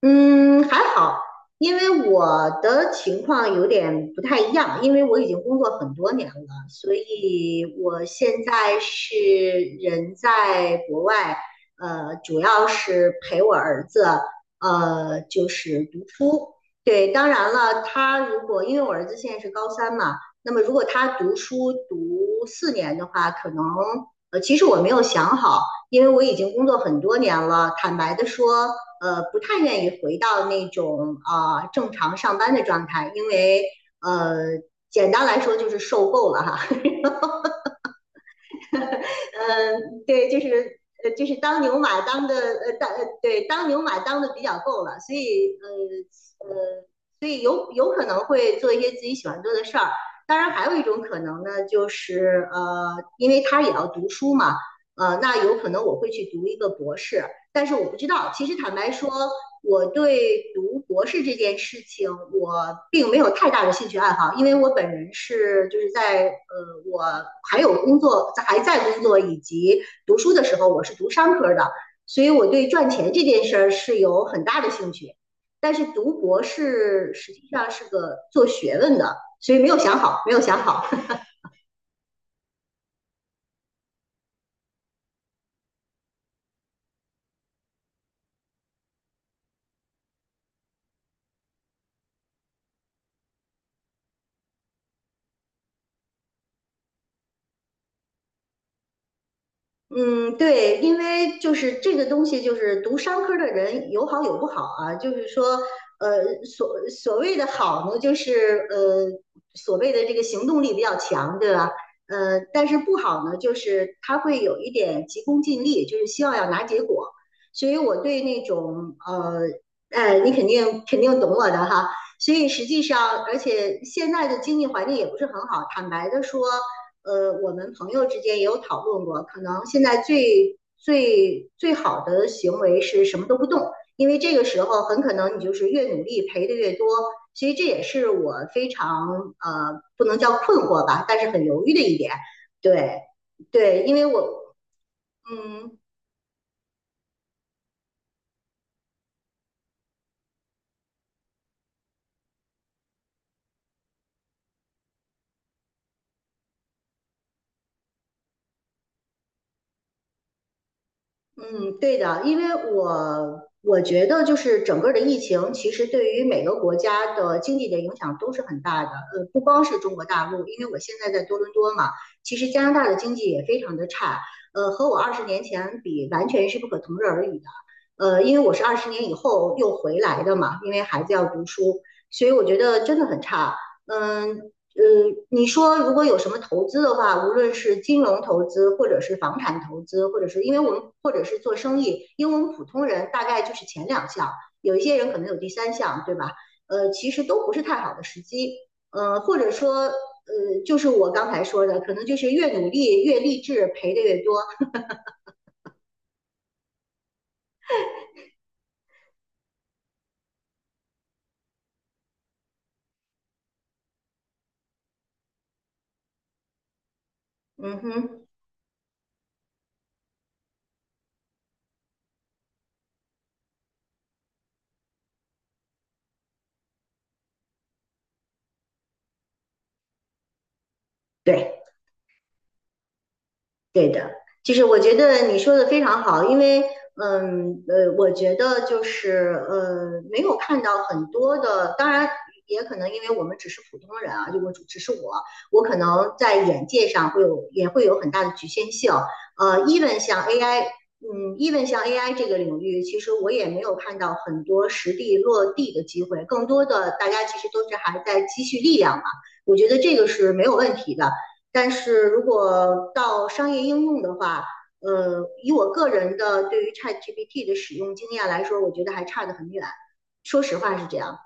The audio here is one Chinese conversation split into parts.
嗯，还好，因为我的情况有点不太一样，因为我已经工作很多年了，所以我现在是人在国外，主要是陪我儿子，就是读书。对，当然了，他如果因为我儿子现在是高三嘛，那么如果他读书读四年的话，可能其实我没有想好，因为我已经工作很多年了，坦白的说。不太愿意回到那种正常上班的状态，因为呃简单来说就是受够了哈，呃对，就是就是当牛马当的呃当呃对当牛马当的比较够了，所以所以有可能会做一些自己喜欢做的事儿。当然，还有一种可能呢，就是因为他也要读书嘛，那有可能我会去读一个博士，但是我不知道。其实坦白说，我对读博士这件事情，我并没有太大的兴趣爱好，因为我本人是就是在我还有工作，还在工作以及读书的时候，我是读商科的，所以我对赚钱这件事儿是有很大的兴趣。但是读博士实际上是个做学问的，所以没有想好，没有想好。嗯，对，因为就是这个东西，就是读商科的人有好有不好啊。就是说，所谓的好呢，就是所谓的这个行动力比较强，对吧？但是不好呢，就是他会有一点急功近利，就是希望要拿结果。所以我对那种哎，你肯定懂我的哈。所以实际上，而且现在的经济环境也不是很好，坦白的说。我们朋友之间也有讨论过，可能现在最好的行为是什么都不动，因为这个时候很可能你就是越努力赔的越多，所以这也是我非常不能叫困惑吧，但是很犹豫的一点。对对，因为我嗯，嗯，对的，因为我我觉得就是整个的疫情，其实对于每个国家的经济的影响都是很大的。不光是中国大陆，因为我现在在多伦多嘛，其实加拿大的经济也非常的差。和我二十年前比，完全是不可同日而语的。因为我是二十年以后又回来的嘛，因为孩子要读书，所以我觉得真的很差。嗯，呃，你说如果有什么投资的话，无论是金融投资，或者是房产投资，或者是因为我们或者是做生意，因为我们普通人大概就是前两项，有一些人可能有第三项，对吧？其实都不是太好的时机。或者说，就是我刚才说的，可能就是越努力越励志，赔的越多。嗯哼，对。对的，就是我觉得你说的非常好，因为我觉得就是没有看到很多的，当然也可能因为我们只是普通人啊，就我只是我，我可能在眼界上会有也会有很大的局限性。even 像 AI,嗯，even 像 AI 这个领域，其实我也没有看到很多实地落地的机会，更多的大家其实都是还在积蓄力量嘛。我觉得这个是没有问题的。但是如果到商业应用的话，以我个人的对于 ChatGPT 的使用经验来说，我觉得还差得很远。说实话是这样。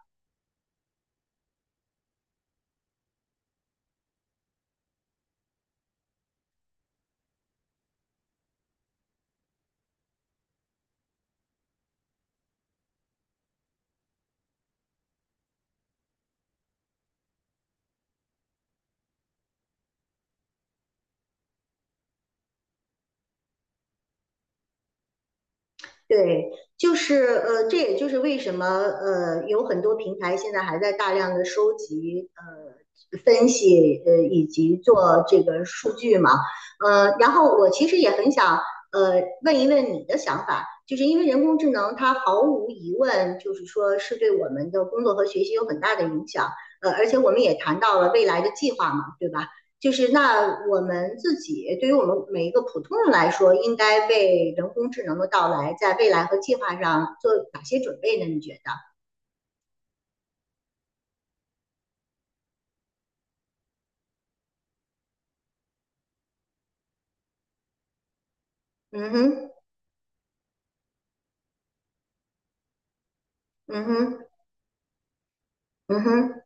对，就是这也就是为什么有很多平台现在还在大量的收集分析以及做这个数据嘛，然后我其实也很想呃问一问你的想法，就是因为人工智能它毫无疑问就是说是对我们的工作和学习有很大的影响，而且我们也谈到了未来的计划嘛，对吧？就是那我们自己，对于我们每一个普通人来说，应该为人工智能的到来，在未来和计划上做哪些准备呢？你觉得？嗯哼，嗯哼，嗯哼，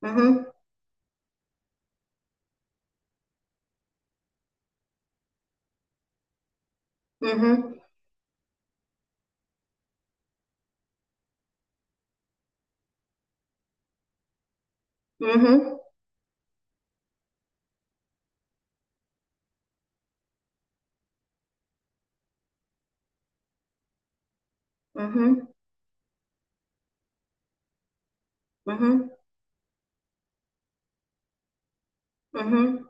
嗯哼，嗯哼，嗯哼，嗯哼，嗯哼，嗯哼，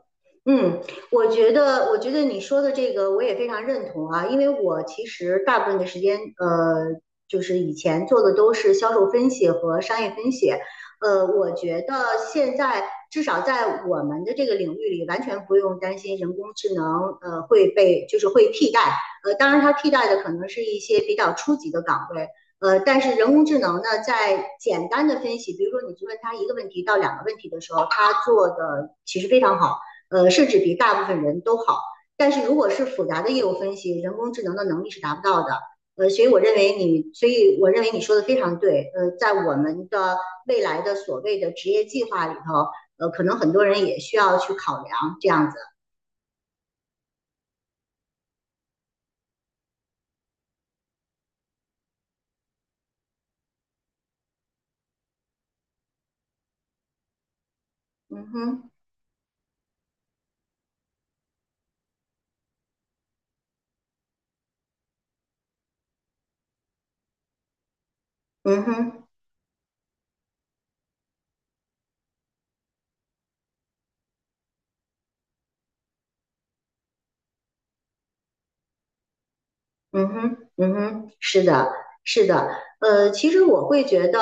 嗯，我觉得，我觉得你说的这个我也非常认同啊，因为我其实大部分的时间，就是以前做的都是销售分析和商业分析，我觉得现在至少在我们的这个领域里，完全不用担心人工智能，会被就是会替代，当然它替代的可能是一些比较初级的岗位，但是人工智能呢，在简单的分析，比如说你去问他一个问题到两个问题的时候，他做的其实非常好。甚至比大部分人都好。但是如果是复杂的业务分析，人工智能的能力是达不到的。所以我认为你，所以我认为你说的非常对。在我们的未来的所谓的职业计划里头，可能很多人也需要去考量这样子。嗯哼，嗯哼。嗯哼，嗯哼，是的，是的，其实我会觉得，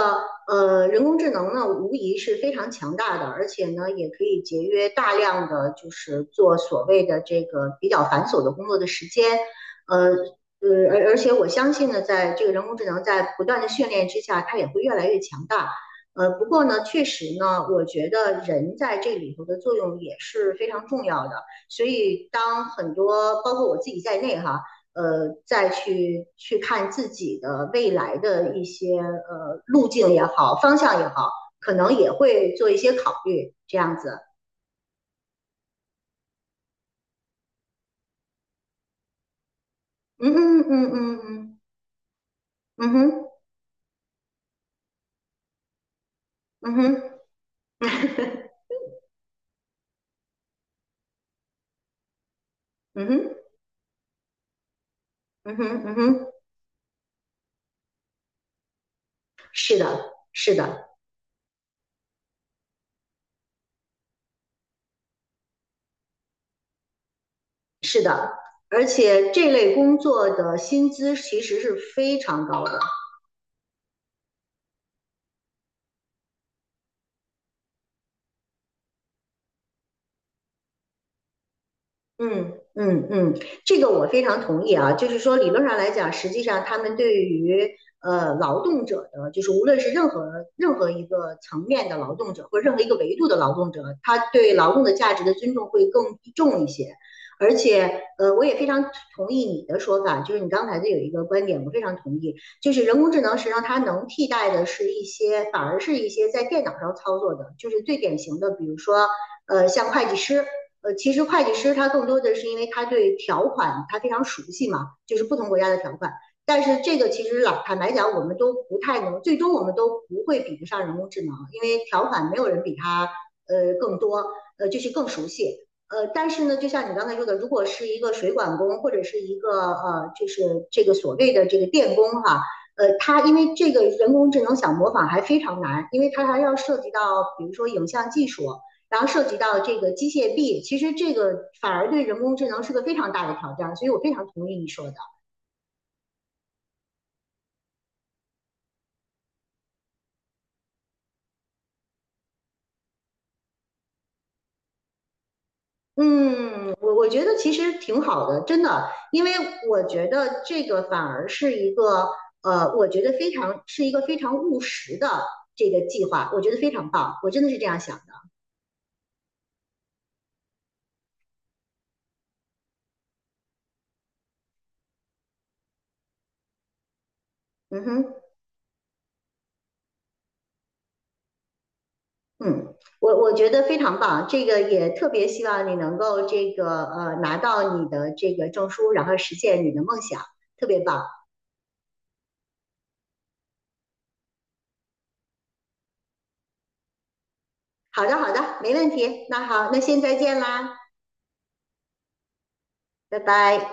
人工智能呢，无疑是非常强大的，而且呢，也可以节约大量的就是做所谓的这个比较繁琐的工作的时间，呃，而且我相信呢，在这个人工智能在不断的训练之下，它也会越来越强大。不过呢，确实呢，我觉得人在这里头的作用也是非常重要的，所以当很多包括我自己在内哈。再去看自己的未来的一些路径也好，方向也好，可能也会做一些考虑，这样子。嗯嗯嗯嗯嗯嗯哼嗯哼 嗯哼嗯哼嗯哼，是的，是的，是的，而且这类工作的薪资其实是非常高的。嗯嗯嗯，这个我非常同意啊，就是说理论上来讲，实际上他们对于劳动者的，就是无论是任何一个层面的劳动者，或者任何一个维度的劳动者，他对劳动的价值的尊重会更重一些。而且，我也非常同意你的说法，就是你刚才的有一个观点，我非常同意，就是人工智能实际上它能替代的是一些，反而是一些在电脑上操作的，就是最典型的，比如说，像会计师。其实会计师他更多的是因为他对条款他非常熟悉嘛，就是不同国家的条款。但是这个其实老坦白讲，我们都不太能，最终我们都不会比得上人工智能，因为条款没有人比他更多，就是更熟悉。但是呢，就像你刚才说的，如果是一个水管工或者是一个就是这个所谓的这个电工哈、他因为这个人工智能想模仿还非常难，因为他还要涉及到比如说影像技术，然后涉及到这个机械臂，其实这个反而对人工智能是个非常大的挑战，所以我非常同意你说的。嗯，我我觉得其实挺好的，真的，因为我觉得这个反而是一个我觉得非常是一个非常务实的这个计划，我觉得非常棒，我真的是这样想的。嗯哼，嗯，我我觉得非常棒，这个也特别希望你能够这个拿到你的这个证书，然后实现你的梦想，特别棒。好的，好的，没问题。那好，那先再见啦，拜拜。